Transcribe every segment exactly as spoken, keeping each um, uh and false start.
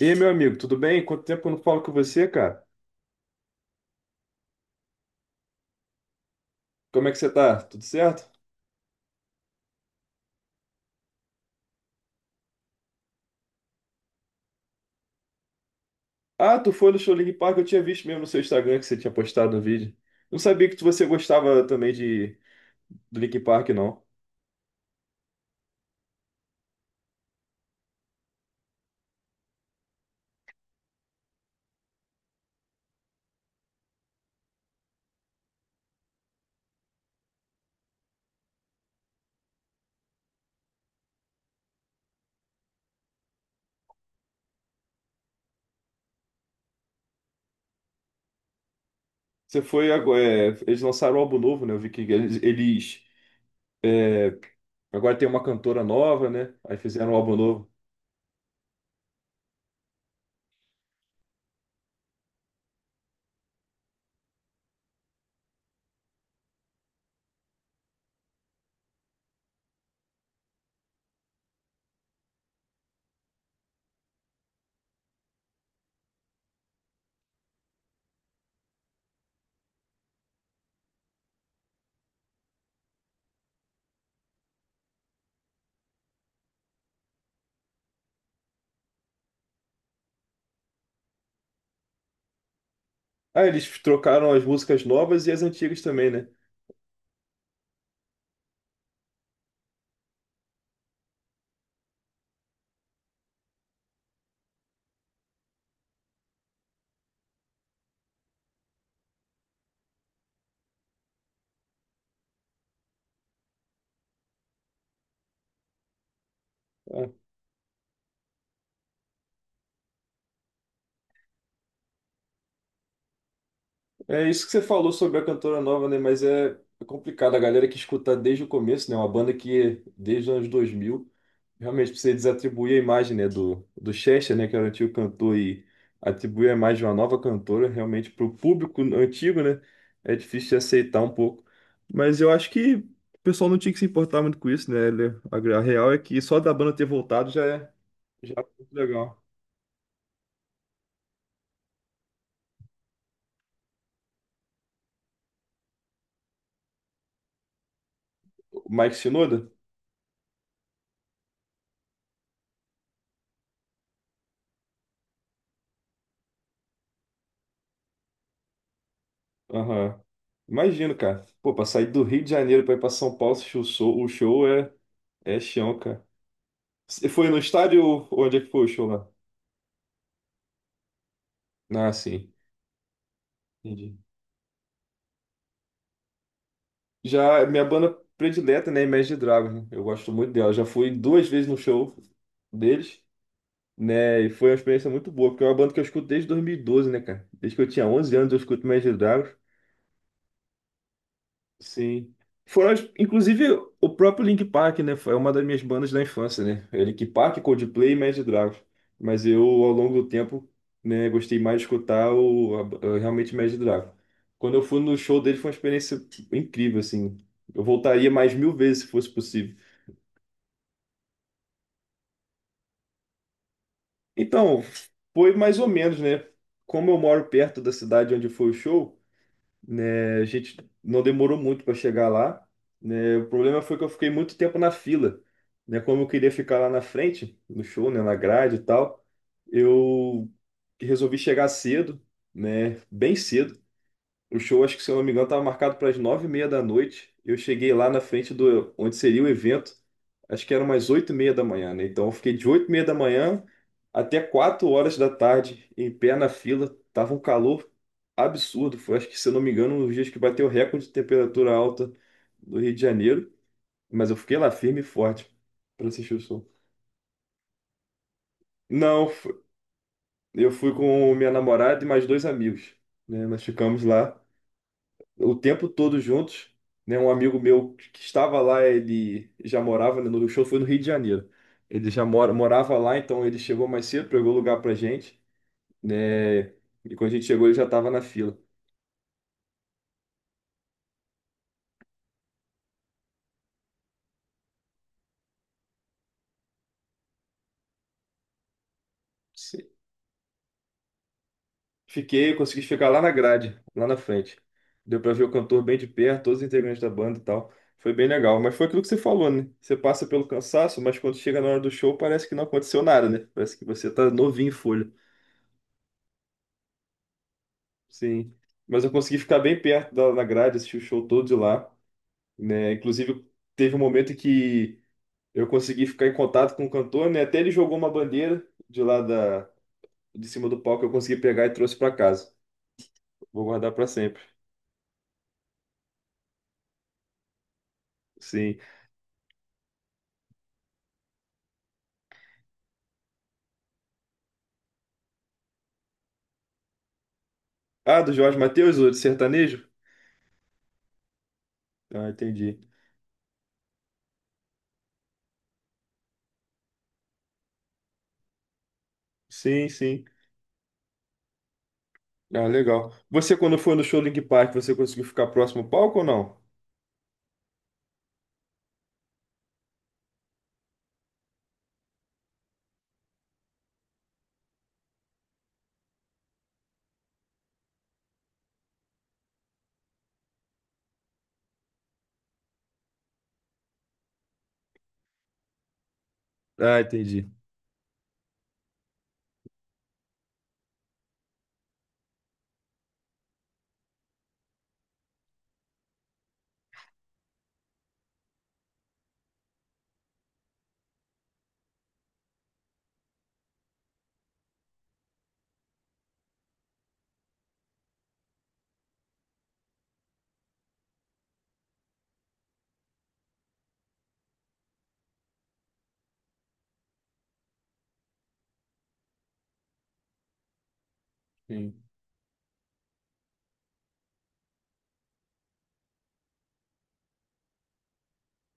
E aí, meu amigo, tudo bem? Quanto tempo que eu não falo com você, cara? Como é que você tá? Tudo certo? Ah, tu foi no show Link Park, eu tinha visto mesmo no seu Instagram que você tinha postado um vídeo. Não sabia que tu- você gostava também de do Link Park, não. Você foi agora. É, eles lançaram um álbum novo, né? Eu vi que eles, eles- agora tem uma cantora nova, né? Aí fizeram um álbum novo. Ah, eles trocaram as músicas novas e as antigas também, né? É isso que você falou sobre a cantora nova, né? Mas é complicado. A galera que escuta desde o começo, né? Uma banda que desde os anos dois mil realmente precisa desatribuir a imagem, né? Do, do Chester, né? Que era o antigo cantor e atribuir a imagem de uma nova cantora, realmente para o público antigo, né? É difícil de aceitar um pouco. Mas eu acho que o pessoal não tinha que se importar muito com isso, né? Ele- A, a real é que só da banda ter voltado já é, já é muito legal. O Mike Shinoda? Aham. Imagino, cara. Pô, pra sair do Rio de Janeiro pra ir pra São Paulo, assistir o show, o show é, é chão, cara. Você foi no estádio ou onde é que foi o show lá? Ah, sim. Entendi. Já, é minha banda predileta, né, Imagine Dragons, né? Eu gosto muito dela. Já fui duas vezes no show deles, né, e foi uma experiência muito boa, porque é uma banda que eu escuto desde dois mil e doze, né, cara? Desde que eu tinha onze anos eu escuto Imagine Dragons. Sim. Foram, as- inclusive, o próprio Link Park, né? Foi uma das minhas bandas da infância, né? É Link Park, Coldplay e Imagine Dragons. Mas eu, ao longo do tempo, né, gostei mais de escutar o, a- a- realmente Imagine Dragons. Quando eu fui no show dele, foi uma experiência tipo, incrível, assim. Eu voltaria mais mil vezes se fosse possível. Então, foi mais ou menos, né? Como eu moro perto da cidade onde foi o show, né? A gente não demorou muito para chegar lá, né? O problema foi que eu fiquei muito tempo na fila, né? Como eu queria ficar lá na frente, no show, né? Na grade e tal, eu resolvi chegar cedo, né? Bem cedo o show, acho que, se eu não me engano, estava marcado para as nove e meia da noite. Eu cheguei lá na frente do onde seria o evento, acho que eram umas oito e meia da manhã, né? Então eu fiquei de oito e meia da manhã até quatro horas da tarde em pé na fila. Tava um calor absurdo. Foi, acho que, se eu não me engano, um dos dias que bateu o recorde de temperatura alta do Rio de Janeiro. Mas eu fiquei lá firme e forte para assistir o show. Não, fu- eu fui com minha namorada e mais dois amigos, né? Nós ficamos lá, o tempo todo juntos, né? Um amigo meu que estava lá, ele já morava, né, no o show foi no Rio de Janeiro. Ele já mora, morava lá, então ele chegou mais cedo, pegou lugar pra gente, né? E quando a gente chegou, ele já estava na fila. Se- Fiquei, consegui ficar lá na grade, lá na frente. Deu pra ver o cantor bem de perto, todos os integrantes da banda e tal. Foi bem legal, mas foi aquilo que você falou, né? Você passa pelo cansaço, mas quando chega na hora do show, parece que não aconteceu nada, né? Parece que você tá novinho em folha. Sim. Mas eu consegui ficar bem perto da, da grade, assistir o show todo de lá, né? Inclusive, teve um momento que eu consegui ficar em contato com o cantor, né? Até ele jogou uma bandeira de lá da, de cima do palco, eu consegui pegar e trouxe para casa. Vou guardar para sempre. Sim. Ah, do Jorge Mateus, o de sertanejo? Ah, entendi. Sim, sim. Ah, legal. Você, quando foi no show do Linkin Park, você conseguiu ficar próximo ao palco ou não? Ah, entendi. Sim.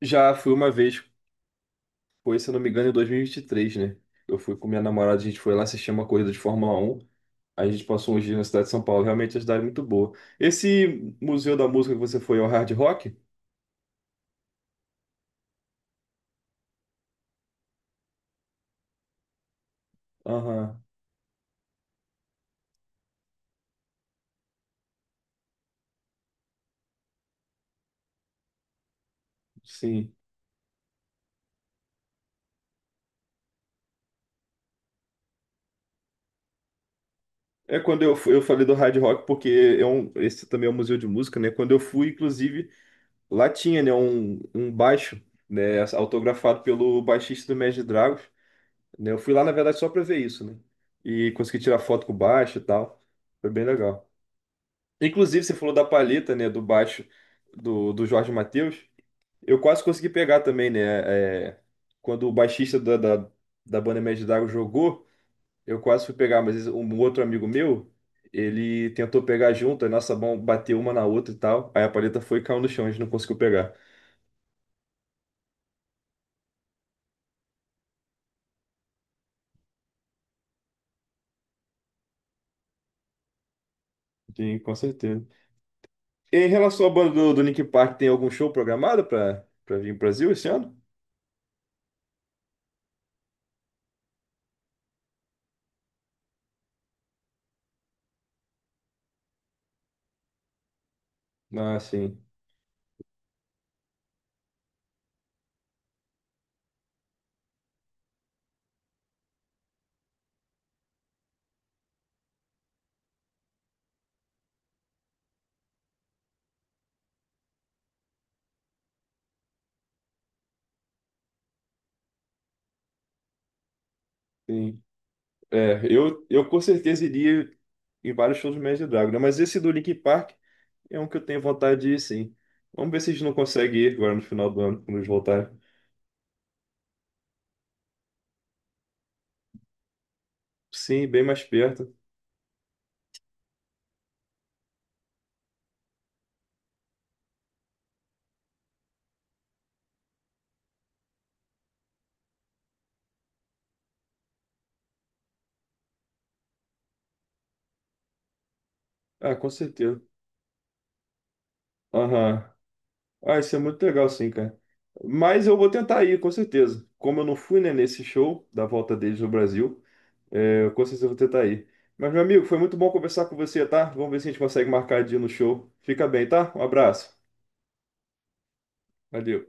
Já fui uma vez. Foi, se eu não me engano, em dois mil e e vinte e três, né? Eu fui com minha namorada, a gente foi lá assistir uma corrida de Fórmula um. A gente passou uns dias na cidade de São Paulo. Realmente a cidade é muito boa. Esse Museu da Música que você foi é o Hard Rock? Aham, sim. É, quando eu fui, eu falei do Hard Rock porque é um, esse também é um museu de música, né? Quando eu fui, inclusive, lá tinha, né, um, um baixo, né, autografado pelo baixista do Imagine Dragons, né? Eu fui lá, na verdade, só para ver isso, né? E consegui tirar foto com o baixo e tal. Foi bem legal. Inclusive, você falou da palheta, né, do baixo do, do Jorge Mateus. Eu quase consegui pegar também, né? É, quando o baixista da, da, da banda Média d'Água jogou, eu quase fui pegar, mas um um outro amigo meu, ele tentou pegar junto, a nossa mão bateu uma na outra e tal. Aí a palheta foi e caiu no chão, a gente não conseguiu pegar. Sim, com certeza. Em relação à banda do, do Linkin Park, tem algum show programado para para vir pro Brasil esse ano? Ah, sim. Sim. É, eu, eu com certeza iria em vários shows do Imagine Dragons, né? Mas esse do Linkin Park é um que eu tenho vontade de ir, sim. Vamos ver se a gente não consegue ir agora no final do ano, quando eles voltarem. Sim, bem mais perto. Ah, com certeza. Aham. Ah, isso é muito legal, sim, cara. Mas eu vou tentar ir, com certeza. Como eu não fui, né, nesse show da volta deles no Brasil, é, eu com certeza eu vou tentar ir. Mas, meu amigo, foi muito bom conversar com você, tá? Vamos ver se a gente consegue marcar de ir no show. Fica bem, tá? Um abraço. Valeu.